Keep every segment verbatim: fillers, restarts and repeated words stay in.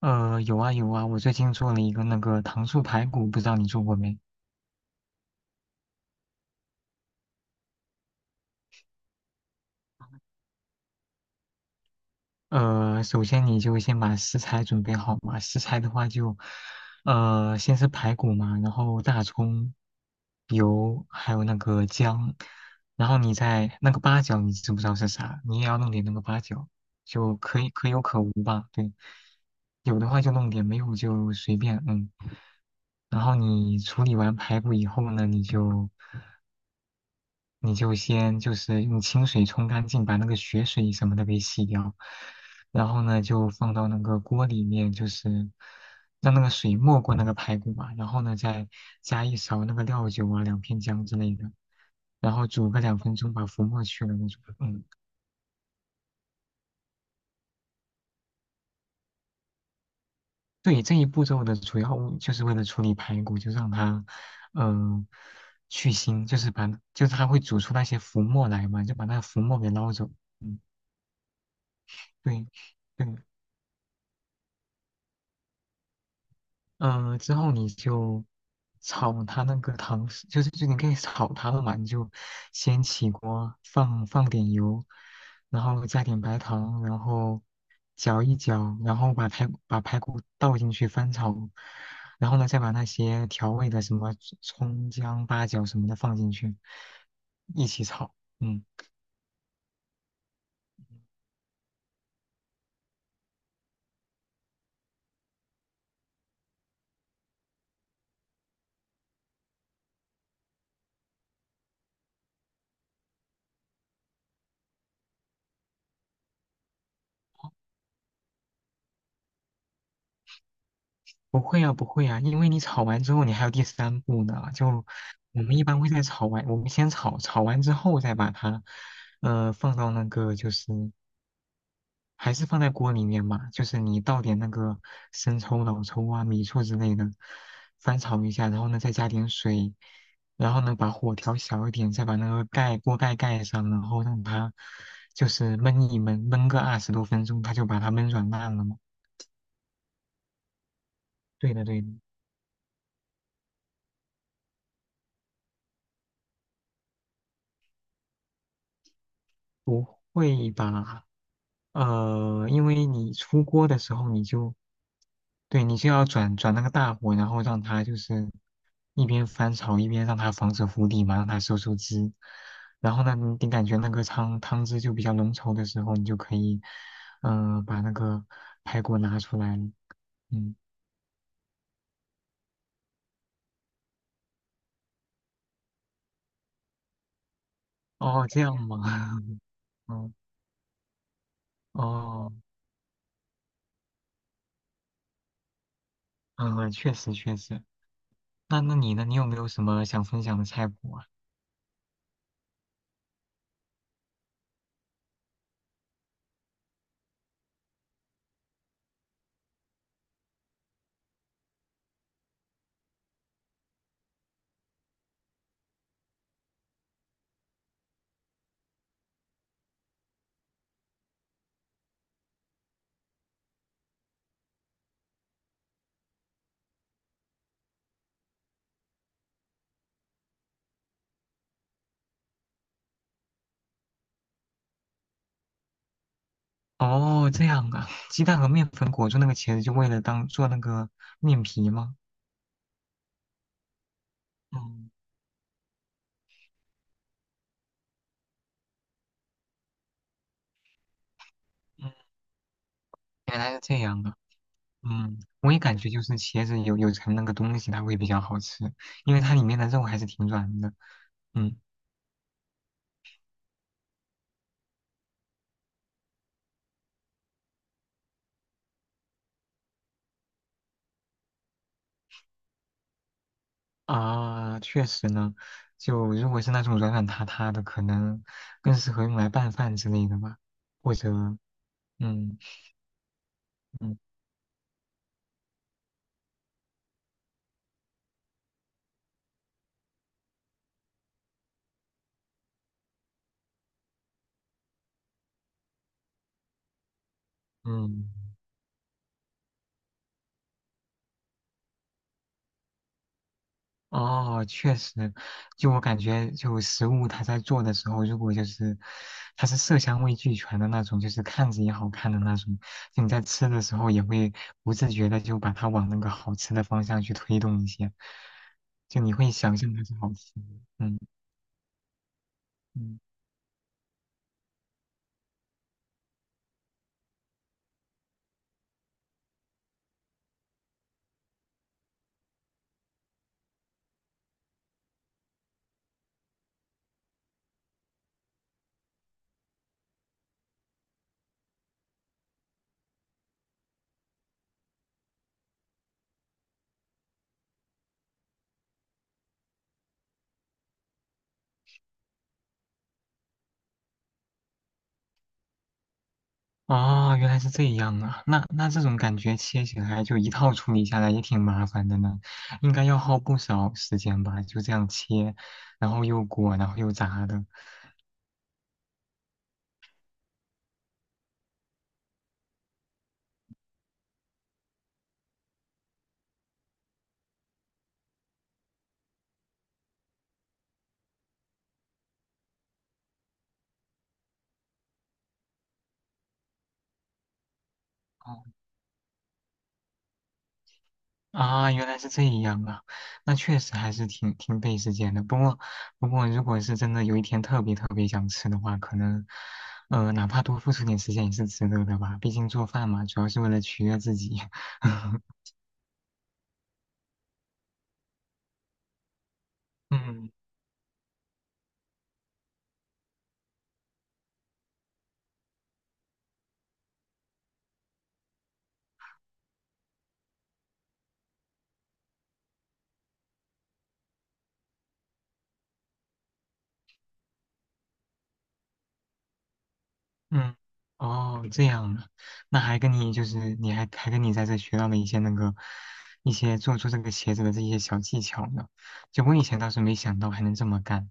呃，有啊有啊，我最近做了一个那个糖醋排骨，不知道你做过没？呃，首先你就先把食材准备好嘛。食材的话就，呃，先是排骨嘛，然后大葱、油，还有那个姜，然后你再那个八角，你知不知道是啥？你也要弄点那个八角，就可以可有可无吧。对，有的话就弄点，没有就随便，嗯。然后你处理完排骨以后呢，你就你就先就是用清水冲干净，把那个血水什么的给洗掉，然后呢就放到那个锅里面，就是让那个水没过那个排骨嘛，然后呢再加一勺那个料酒啊，两片姜之类的，然后煮个两分钟，把浮沫去了那种嗯，对，这一步骤的主要目就是为了处理排骨，就让它嗯、去腥，就是把就是它会煮出那些浮沫来嘛，就把那浮沫给捞走。嗯，对。对。嗯、呃之后你就炒它那个糖水就是就你可以炒它了嘛，你就先起锅放放点油，然后加点白糖，然后搅一搅，然后把排把排骨倒进去翻炒，然后呢再把那些调味的什么葱姜八角什么的放进去，一起炒。嗯。不会啊，不会啊，因为你炒完之后，你还有第三步呢。就我们一般会在炒完，我们先炒，炒完之后再把它，呃，放到那个就是还是放在锅里面嘛，就是你倒点那个生抽、老抽啊、米醋之类的，翻炒一下，然后呢再加点水，然后呢把火调小一点，再把那个盖锅盖盖上，然后让它就是焖一焖，焖个二十多分钟，它就把它焖软烂了嘛。对的，对的，不会吧？呃，因为你出锅的时候，你就对你就要转转那个大火，然后让它就是一边翻炒一边让它防止糊底嘛，让它收收汁。然后呢，你你感觉那个汤汤汁就比较浓稠的时候，你就可以，嗯、把那个排骨拿出来了。嗯，哦，这样吗？嗯，哦，嗯，嗯确实确实。那那你呢？你有没有什么想分享的菜谱啊？哦，这样啊，鸡蛋和面粉裹住那个茄子，就为了当做那个面皮吗？嗯嗯，原来是这样的。嗯，我也感觉就是茄子有有层那个东西，它会比较好吃，因为它里面的肉还是挺软的。嗯啊，确实呢，就如果是那种软软塌塌的，可能更适合用来拌饭之类的吧，或者嗯嗯嗯哦，确实，就我感觉，就食物它在做的时候，如果就是它是色香味俱全的那种，就是看着也好看的那种，就你在吃的时候也会不自觉的就把它往那个好吃的方向去推动一些，就你会想象它是好吃的。嗯嗯，哦，原来是这样啊，那那这种感觉切起来就一套处理下来也挺麻烦的呢，应该要耗不少时间吧，就这样切，然后又裹，然后又炸的。哦啊，原来是这样啊，那确实还是挺挺费时间的。不过，不过如果是真的有一天特别特别想吃的话，可能，呃，哪怕多付出点时间也是值得的吧。毕竟做饭嘛，主要是为了取悦自己。嗯嗯，哦，这样啊，那还跟你就是你还还跟你在这学到了一些那个一些做出这个鞋子的这些小技巧呢。就我以前倒是没想到还能这么干。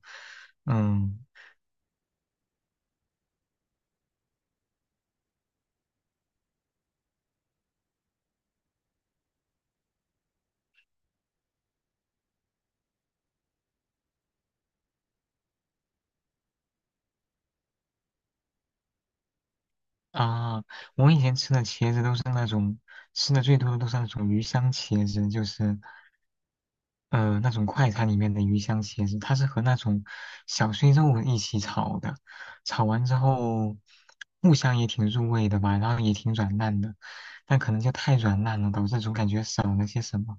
嗯。啊，我以前吃的茄子都是那种吃的最多的都是那种鱼香茄子，就是呃那种快餐里面的鱼香茄子，它是和那种小碎肉一起炒的，炒完之后木香也挺入味的吧，然后也挺软烂的，但可能就太软烂了，导致总感觉少了些什么。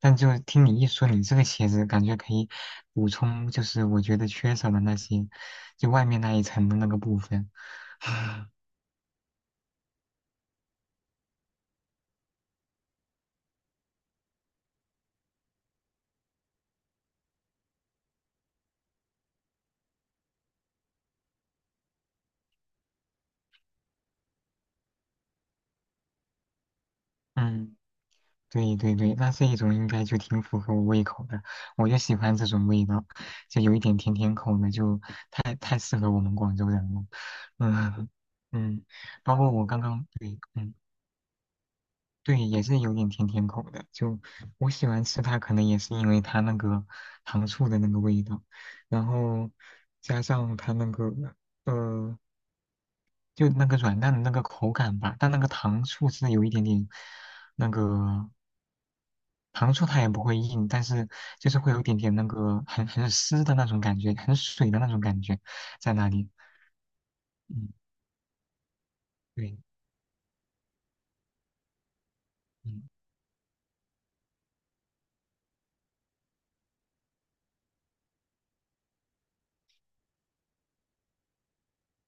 但就听你一说，你这个茄子感觉可以补充，就是我觉得缺少的那些，就外面那一层的那个部分，嗯。对对对，那这一种应该就挺符合我胃口的，我就喜欢这种味道，就有一点甜甜口的，就太太适合我们广州人了。嗯嗯，包括我刚刚，对，嗯，对，也是有点甜甜口的，就我喜欢吃它，可能也是因为它那个糖醋的那个味道，然后加上它那个呃就那个软蛋的那个口感吧，但那个糖醋是有一点点那个。糖醋它也不会硬，但是就是会有一点点那个很很湿的那种感觉，很水的那种感觉在那里。嗯，对，嗯，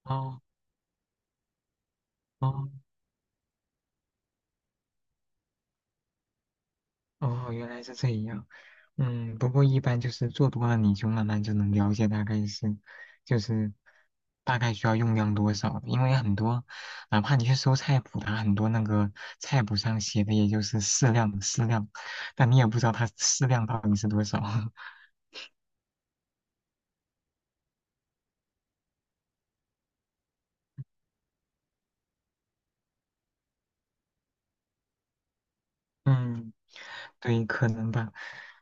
哦哦哦，原来是这样。嗯，不过一般就是做多了，你就慢慢就能了解大概是，就是大概需要用量多少的因为很多，哪怕你去搜菜谱啊，它很多那个菜谱上写的也就是适量适量，但你也不知道它适量到底是多少。嗯，对，可能吧。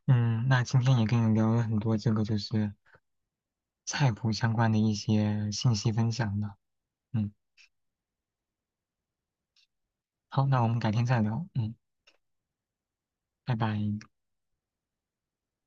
嗯，那今天也跟你聊了很多这个就是菜谱相关的一些信息分享呢。嗯，好，那我们改天再聊。嗯，拜拜。